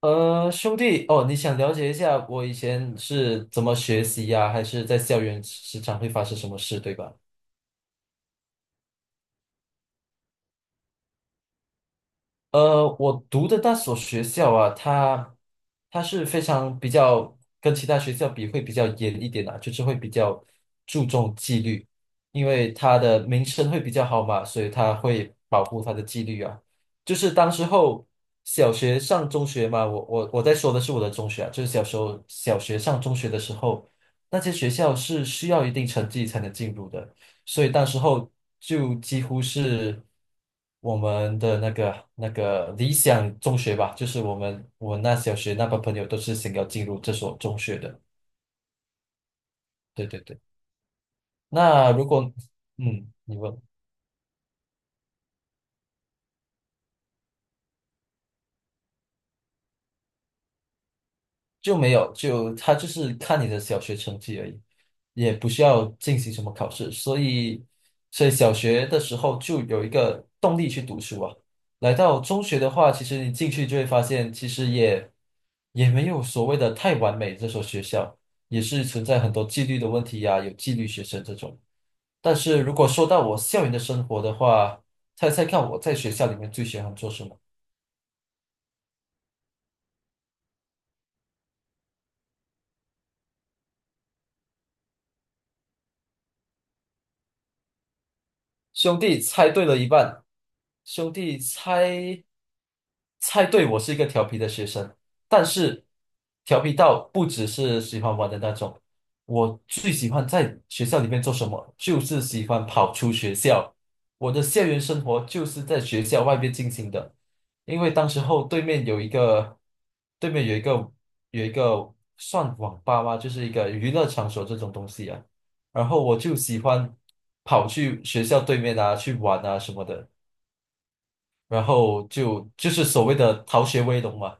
兄弟，哦，你想了解一下我以前是怎么学习呀、还是在校园时常会发生什么事，对吧？我读的那所学校啊，它是非常比较跟其他学校比会比较严一点啊，就是会比较注重纪律，因为它的名声会比较好嘛，所以它会保护它的纪律啊。就是当时候小学上中学嘛，我在说的是我的中学啊，就是小时候小学上中学的时候，那些学校是需要一定成绩才能进入的。所以当时候就几乎是我们的那个理想中学吧，就是我那小学那帮朋友都是想要进入这所中学的。对对对，那如果嗯，你问。就没有，就他就是看你的小学成绩而已，也不需要进行什么考试，所以小学的时候就有一个动力去读书啊。来到中学的话，其实你进去就会发现，其实也没有所谓的太完美，这所学校也是存在很多纪律的问题呀、有纪律学生这种。但是如果说到我校园的生活的话，猜猜看我在学校里面最喜欢做什么？兄弟，猜对了一半。兄弟猜猜对，我是一个调皮的学生，但是调皮到不只是喜欢玩的那种，我最喜欢在学校里面做什么，就是喜欢跑出学校。我的校园生活就是在学校外面进行的，因为当时候对面有一个，对面有一个有一个算网吧吗？就是一个娱乐场所这种东西啊。然后我就喜欢跑去学校对面啊，去玩啊什么的。然后就是所谓的逃学威龙嘛。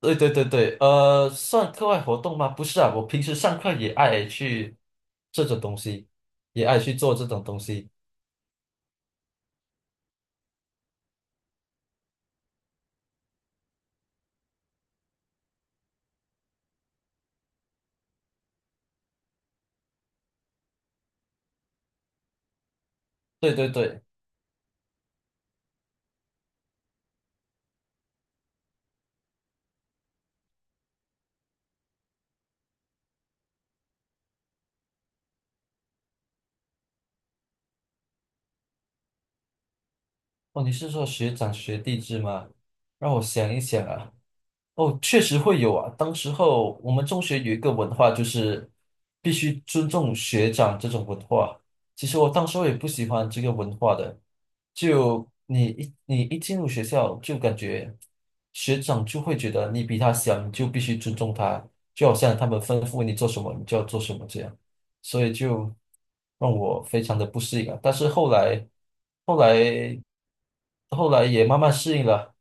对对对对，算课外活动吗？不是啊，我平时上课也爱去这种东西，也爱去做这种东西。对对对，哦，你是说学长学弟制吗？让我想一想啊。哦，确实会有啊。当时候我们中学有一个文化，就是必须尊重学长这种文化。其实我当时候也不喜欢这个文化的，就你一进入学校，就感觉学长就会觉得你比他小，你就必须尊重他，就好像他们吩咐你做什么，你就要做什么这样。所以就让我非常的不适应啊。但是后来，后来，后来也慢慢适应了。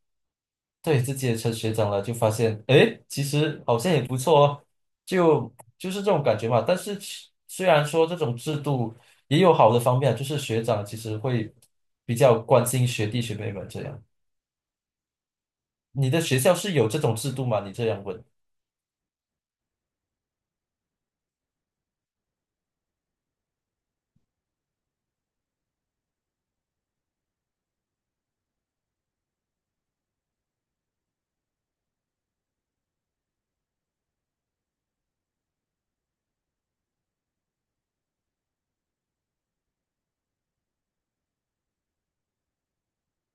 对自己也成学长了，就发现，诶，其实好像也不错哦，就是这种感觉嘛。但是虽然说这种制度也有好的方面啊就是学长其实会比较关心学弟学妹们这样。你的学校是有这种制度吗？你这样问，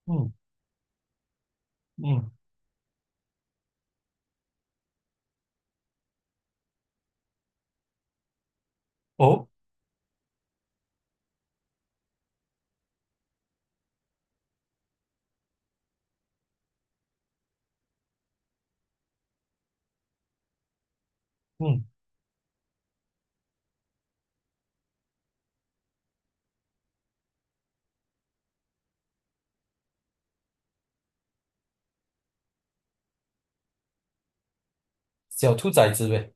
嗯嗯，哦，嗯，小兔崽子呗。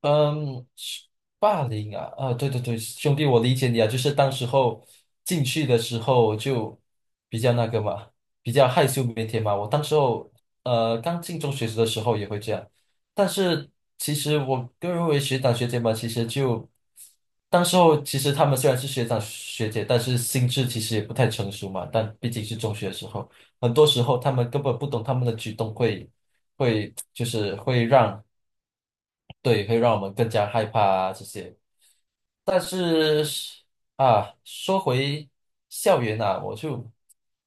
嗯，霸凌啊，啊，对对对，兄弟，我理解你啊，就是当时候进去的时候就比较那个嘛，比较害羞腼腆嘛。我当时候刚进中学的时候也会这样，但是其实我个人认为学长学姐嘛，其实就当时候其实他们虽然是学长学姐，但是心智其实也不太成熟嘛。但毕竟是中学的时候，很多时候他们根本不懂他们的举动会就是会让。对，会让我们更加害怕啊这些。但是啊，说回校园啊，我就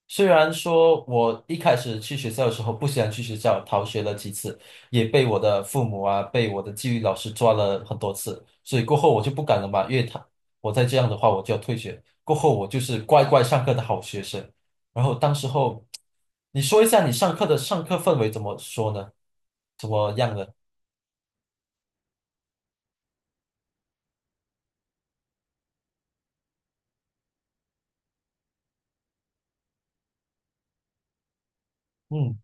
虽然说我一开始去学校的时候不喜欢去学校，逃学了几次，也被我的父母啊，被我的纪律老师抓了很多次，所以过后我就不敢了嘛，因为他我再这样的话我就要退学。过后我就是乖乖上课的好学生。然后当时候，你说一下你上课的氛围怎么说呢？怎么样呢？嗯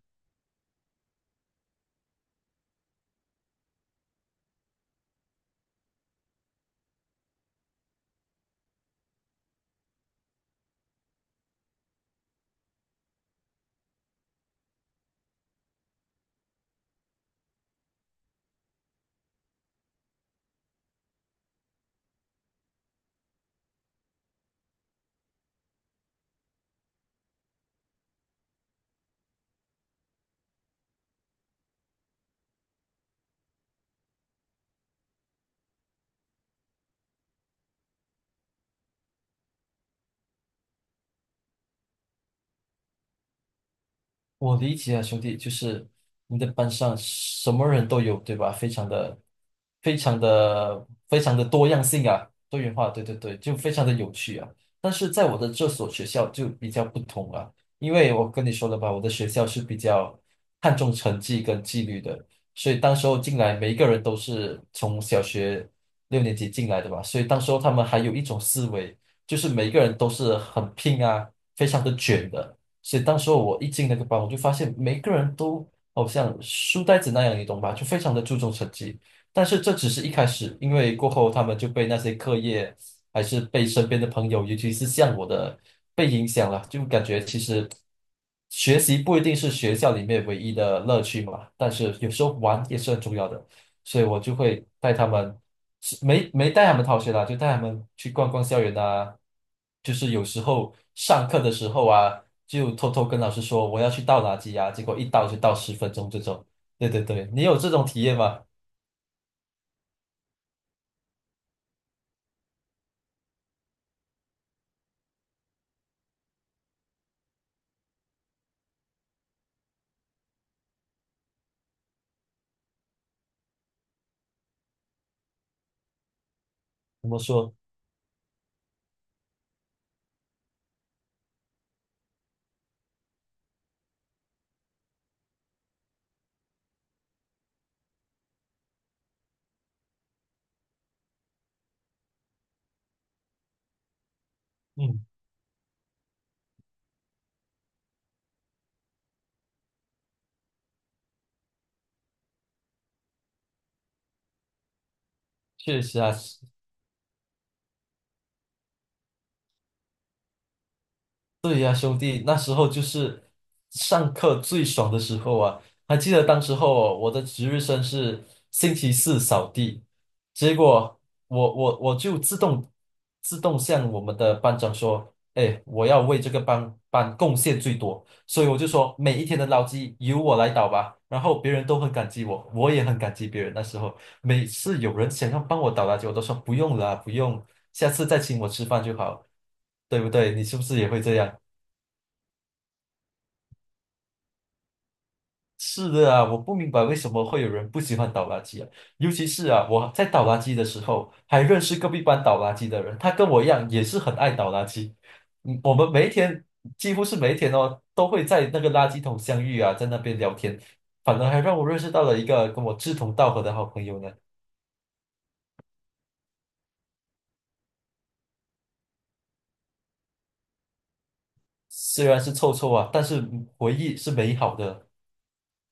我理解啊，兄弟，就是你的班上什么人都有，对吧？非常的多样性啊，多元化，对对对，就非常的有趣啊。但是在我的这所学校就比较不同啊，因为我跟你说了吧，我的学校是比较看重成绩跟纪律的，所以当时候进来，每一个人都是从小学六年级进来的吧，所以当时候他们还有一种思维，就是每一个人都是很拼啊，非常的卷的。所以当时候我一进那个班，我就发现每个人都好像书呆子那样，你懂吧？就非常的注重成绩。但是这只是一开始，因为过后他们就被那些课业，还是被身边的朋友，尤其是像我的，被影响了，就感觉其实学习不一定是学校里面唯一的乐趣嘛，但是有时候玩也是很重要的。所以我就会带他们，是没带他们逃学啦，就带他们去逛逛校园啊。就是有时候上课的时候啊，就偷偷跟老师说我要去倒垃圾啊，结果一倒就倒十分钟这种。对对对，你有这种体验吗？怎么说？嗯，确实啊，对呀，兄弟，那时候就是上课最爽的时候啊！还记得当时候哦我的值日生是星期四扫地，结果我就自动向我们的班长说："哎，我要为这个班贡献最多。"所以我就说每一天的垃圾由我来倒吧。然后别人都很感激我，我也很感激别人。那时候每次有人想要帮我倒垃圾，我都说不用了，不用，下次再请我吃饭就好，对不对？你是不是也会这样？是的啊，我不明白为什么会有人不喜欢倒垃圾啊，尤其是啊，我在倒垃圾的时候，还认识隔壁班倒垃圾的人，他跟我一样也是很爱倒垃圾。嗯，我们每一天几乎是每一天哦，都会在那个垃圾桶相遇啊，在那边聊天，反而还让我认识到了一个跟我志同道合的好朋友呢。虽然是臭臭啊，但是回忆是美好的。